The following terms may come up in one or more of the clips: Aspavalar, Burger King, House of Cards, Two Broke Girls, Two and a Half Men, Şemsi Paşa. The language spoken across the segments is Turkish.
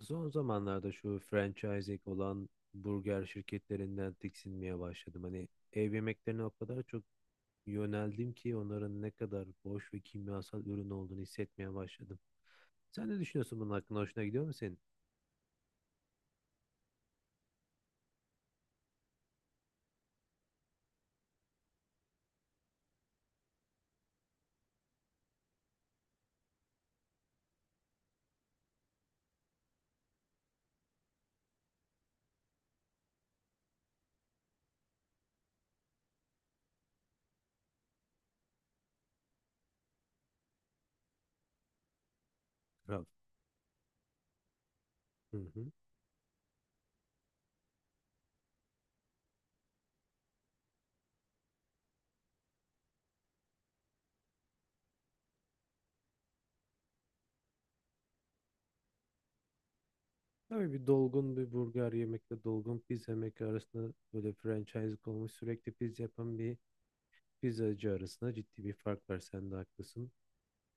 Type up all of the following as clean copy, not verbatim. Son zamanlarda şu franchising olan burger şirketlerinden tiksinmeye başladım. Hani ev yemeklerine o kadar çok yöneldim ki onların ne kadar boş ve kimyasal ürün olduğunu hissetmeye başladım. Sen ne düşünüyorsun bunun hakkında? Hoşuna gidiyor mu senin? Rav. Hı hı. Tabii bir dolgun bir burger yemekle dolgun pizza yemek arasında böyle franchise olmuş sürekli pizza yapan bir pizzacı arasında ciddi bir fark var. Sen de haklısın.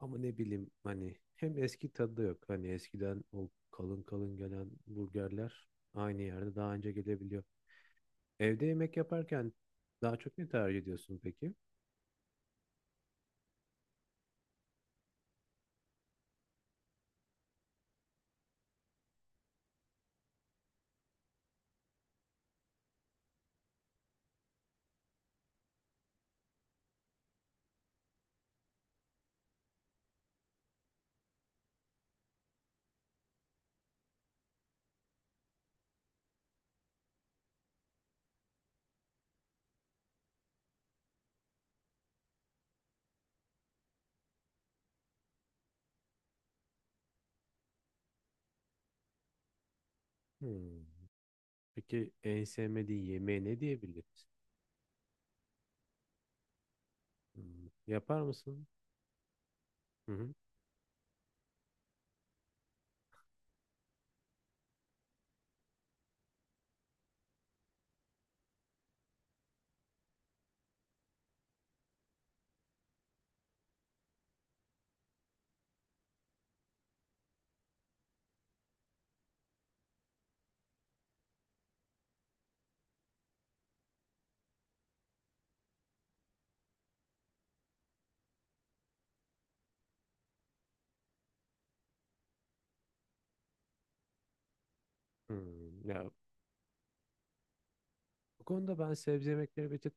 Ama ne bileyim hani hem eski tadı da yok. Hani eskiden o kalın kalın gelen burgerler aynı yerde daha önce gelebiliyor. Evde yemek yaparken daha çok ne tercih ediyorsun peki? Hmm. Peki en sevmediğin yemeği ne diyebiliriz? Hmm. Yapar mısın? Hı hı. Hmm. Ya bu konuda ben sebze yemekleri bir tık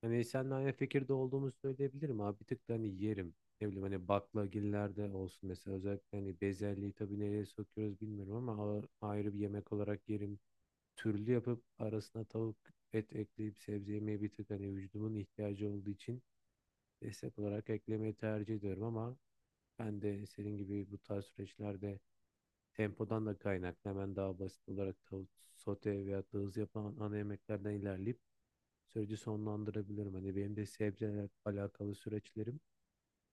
hani seninle aynı fikirde olduğumu söyleyebilirim abi. Bir tık da hani yerim. Ne bileyim hani baklagillerde olsun mesela. Özellikle hani bezelyeyi tabii nereye sokuyoruz bilmiyorum ama ayrı bir yemek olarak yerim. Türlü yapıp arasına tavuk et ekleyip sebze yemeyi bir tık hani vücudumun ihtiyacı olduğu için destek olarak eklemeyi tercih ediyorum, ama ben de senin gibi bu tarz süreçlerde tempodan da kaynaklı hemen daha basit olarak tavuk sote veya da hızlı yapılan ana yemeklerden ilerleyip süreci sonlandırabilirim. Hani benim de sebzelerle alakalı süreçlerim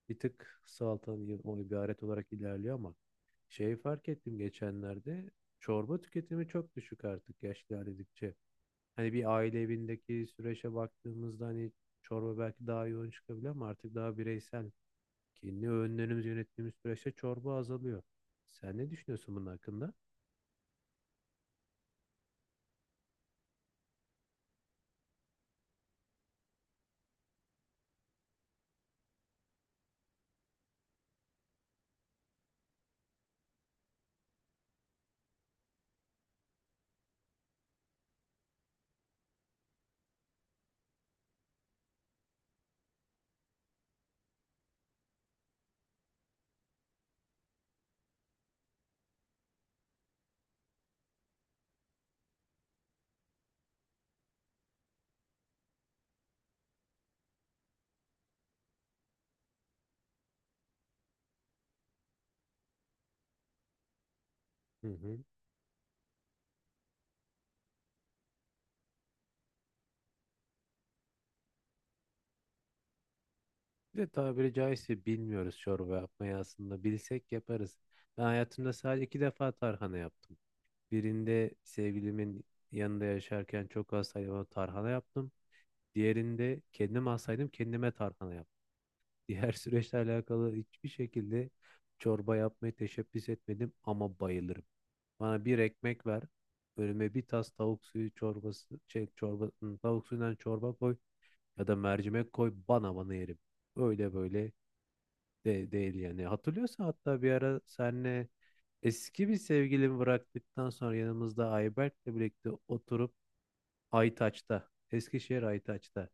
bir tık salatadan o ibaret olarak ilerliyor, ama şeyi fark ettim geçenlerde: çorba tüketimi çok düşük artık yaş ilerledikçe. Hani bir aile evindeki süreçe baktığımızda hani çorba belki daha yoğun çıkabilir, ama artık daha bireysel kendi öğünlerimizi yönettiğimiz süreçte çorba azalıyor. Sen ne düşünüyorsun bunun hakkında? Hı hı. Bir de tabiri caizse bilmiyoruz çorba yapmayı aslında. Bilsek yaparız. Ben hayatımda sadece iki defa tarhana yaptım. Birinde sevgilimin yanında yaşarken çok hastaydım, ona tarhana yaptım. Diğerinde kendim hastaydım, kendime tarhana yaptım. Diğer süreçle alakalı hiçbir şekilde çorba yapmayı teşebbüs etmedim, ama bayılırım. Bana bir ekmek ver. Önüme bir tas tavuk suyu çorbası, şey, çorba, tavuk suyundan çorba koy ya da mercimek koy bana yerim. Öyle böyle de değil yani. Hatırlıyorsan hatta bir ara senle eski bir sevgilimi bıraktıktan sonra yanımızda Ayberk'le birlikte oturup Aytaç'ta, Eskişehir Aytaç'ta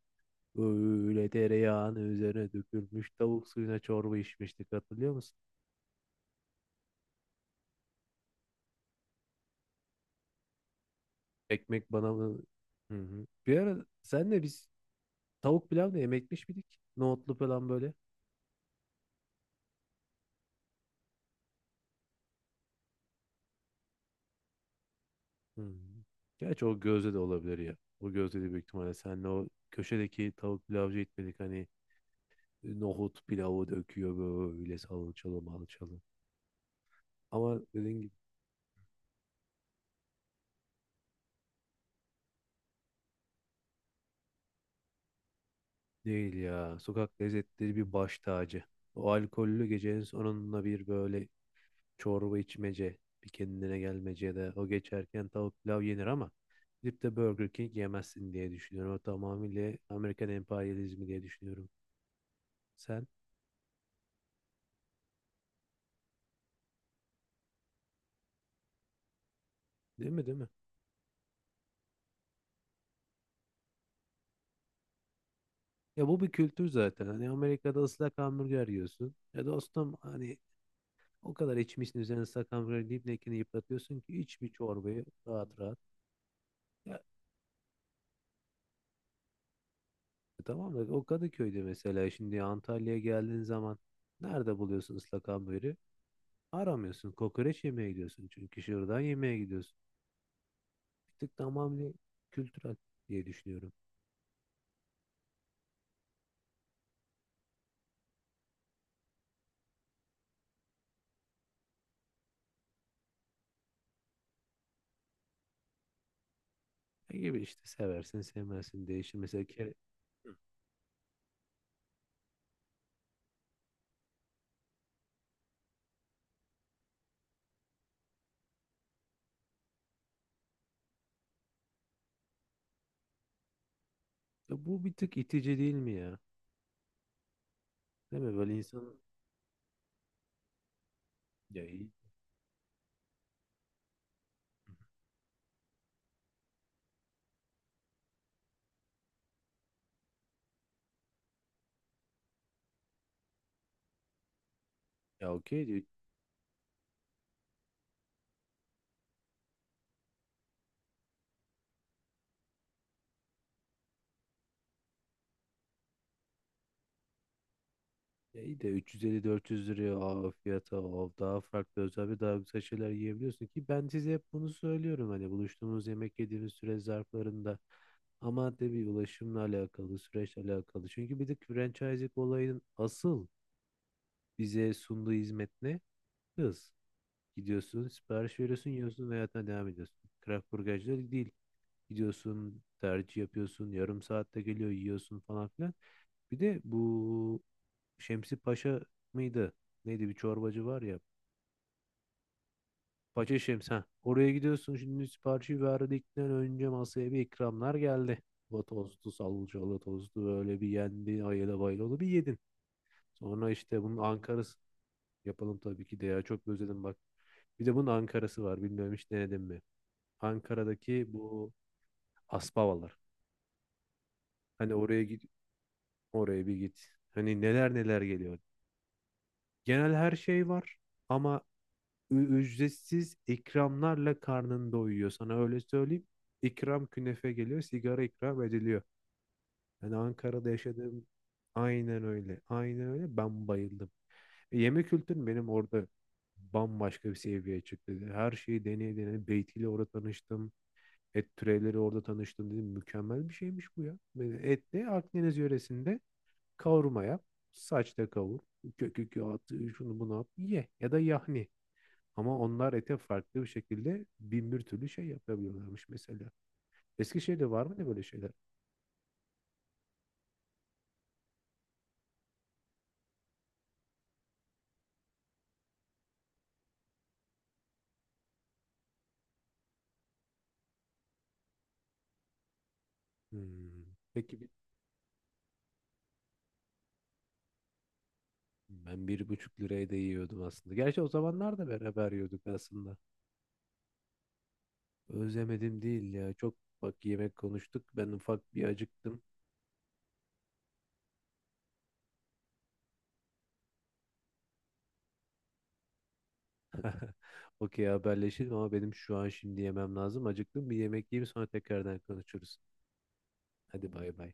öyle tereyağını üzerine dökülmüş tavuk suyuna çorba içmiştik, hatırlıyor musun? Ekmek bana mı? Hı hı. Bir ara senle biz tavuk pilav da yemekmiş miydik? Nohutlu falan böyle. Hı hı. Gerçi o gözde de olabilir ya. O gözde de büyük ihtimalle senle o köşedeki tavuk pilavcı gitmedik hani, nohut pilavı döküyor böyle salçalı malçalı. Ama dediğin gibi değil ya. Sokak lezzetleri bir baş tacı. O alkollü gecenin sonunda bir böyle çorba içmece, bir kendine gelmece ya da o geçerken tavuk pilav yenir, ama gidip de Burger King yemezsin diye düşünüyorum. O tamamıyla Amerikan emperyalizmi diye düşünüyorum. Sen değil mi, değil mi? Ya bu bir kültür zaten. Hani Amerika'da ıslak hamburger yiyorsun. Ya dostum hani o kadar içmişsin üzerine sakan böyle dibdekini yıpratıyorsun ki iç bir çorbayı rahat rahat. Ya, tamam da o Kadıköy'de mesela şimdi Antalya'ya geldiğin zaman nerede buluyorsun ıslak hamburgeri? Aramıyorsun. Kokoreç yemeye gidiyorsun. Çünkü şuradan yemeye gidiyorsun. Bir tık tamamen kültürel diye düşünüyorum. Ya gibi işte seversin sevmezsin değişir. Mesela kere... Hı. Ya bu bir tık itici değil mi ya? Değil mi? Böyle insan ya iyi. Ya okey. Ya İyi de 350-400 liraya o fiyata o daha farklı özel bir daha güzel şeyler yiyebiliyorsun ki ben size hep bunu söylüyorum hani buluştuğumuz yemek yediğimiz süre zarflarında, ama tabii ulaşımla alakalı süreçle alakalı, çünkü bir de franchising olayının asıl bize sunduğu hizmet ne? Hız. Gidiyorsun, sipariş veriyorsun, yiyorsun ve hayatına devam ediyorsun. Craft burgerciler değil, gidiyorsun tercih yapıyorsun yarım saatte geliyor yiyorsun falan filan. Bir de bu Şemsi Paşa mıydı? Neydi, bir çorbacı var ya. Paşa Şems, ha. Oraya gidiyorsun şimdi siparişi verdikten önce masaya bir ikramlar geldi. Bu tostu, salçalı tostu böyle bir yendi. Ayıla bayılalı bir yedin. Sonra işte bunun Ankara'sı, yapalım tabii ki de ya. Çok özledim bak. Bir de bunun Ankara'sı var. Bilmiyorum, hiç denedin mi? Ankara'daki bu Aspavalar. Hani oraya git, oraya bir git. Hani neler neler geliyor. Genel her şey var, ama ücretsiz ikramlarla karnını doyuyor. Sana öyle söyleyeyim. İkram künefe geliyor, sigara ikram ediliyor. Yani Ankara'da yaşadığım aynen öyle. Aynen öyle. Ben bayıldım. Yemek kültürüm benim orada bambaşka bir seviyeye çıktı. Her şeyi deneye deneye Beyti'yle orada tanıştım. Et türevleri orada tanıştım dedim. Mükemmel bir şeymiş bu ya. Böyle et de Akdeniz yöresinde kavurma yap. Saçta kavur. Kökü at, şunu bunu at. Ye. Ya da yahni. Ama onlar ete farklı bir şekilde bin bir türlü şey yapabiliyorlarmış mesela. Eskişehir'de var mı ne böyle şeyler? Hmm. Peki bir- ben bir buçuk liraya da yiyordum aslında. Gerçi o zamanlar da beraber yiyorduk aslında. Özlemedim değil ya. Çok bak, yemek konuştuk. Ben ufak bir acıktım. Okey, haberleşelim ama benim şu an şimdi yemem lazım. Acıktım, bir yemek yiyeyim sonra tekrardan konuşuruz. Hadi bay bay.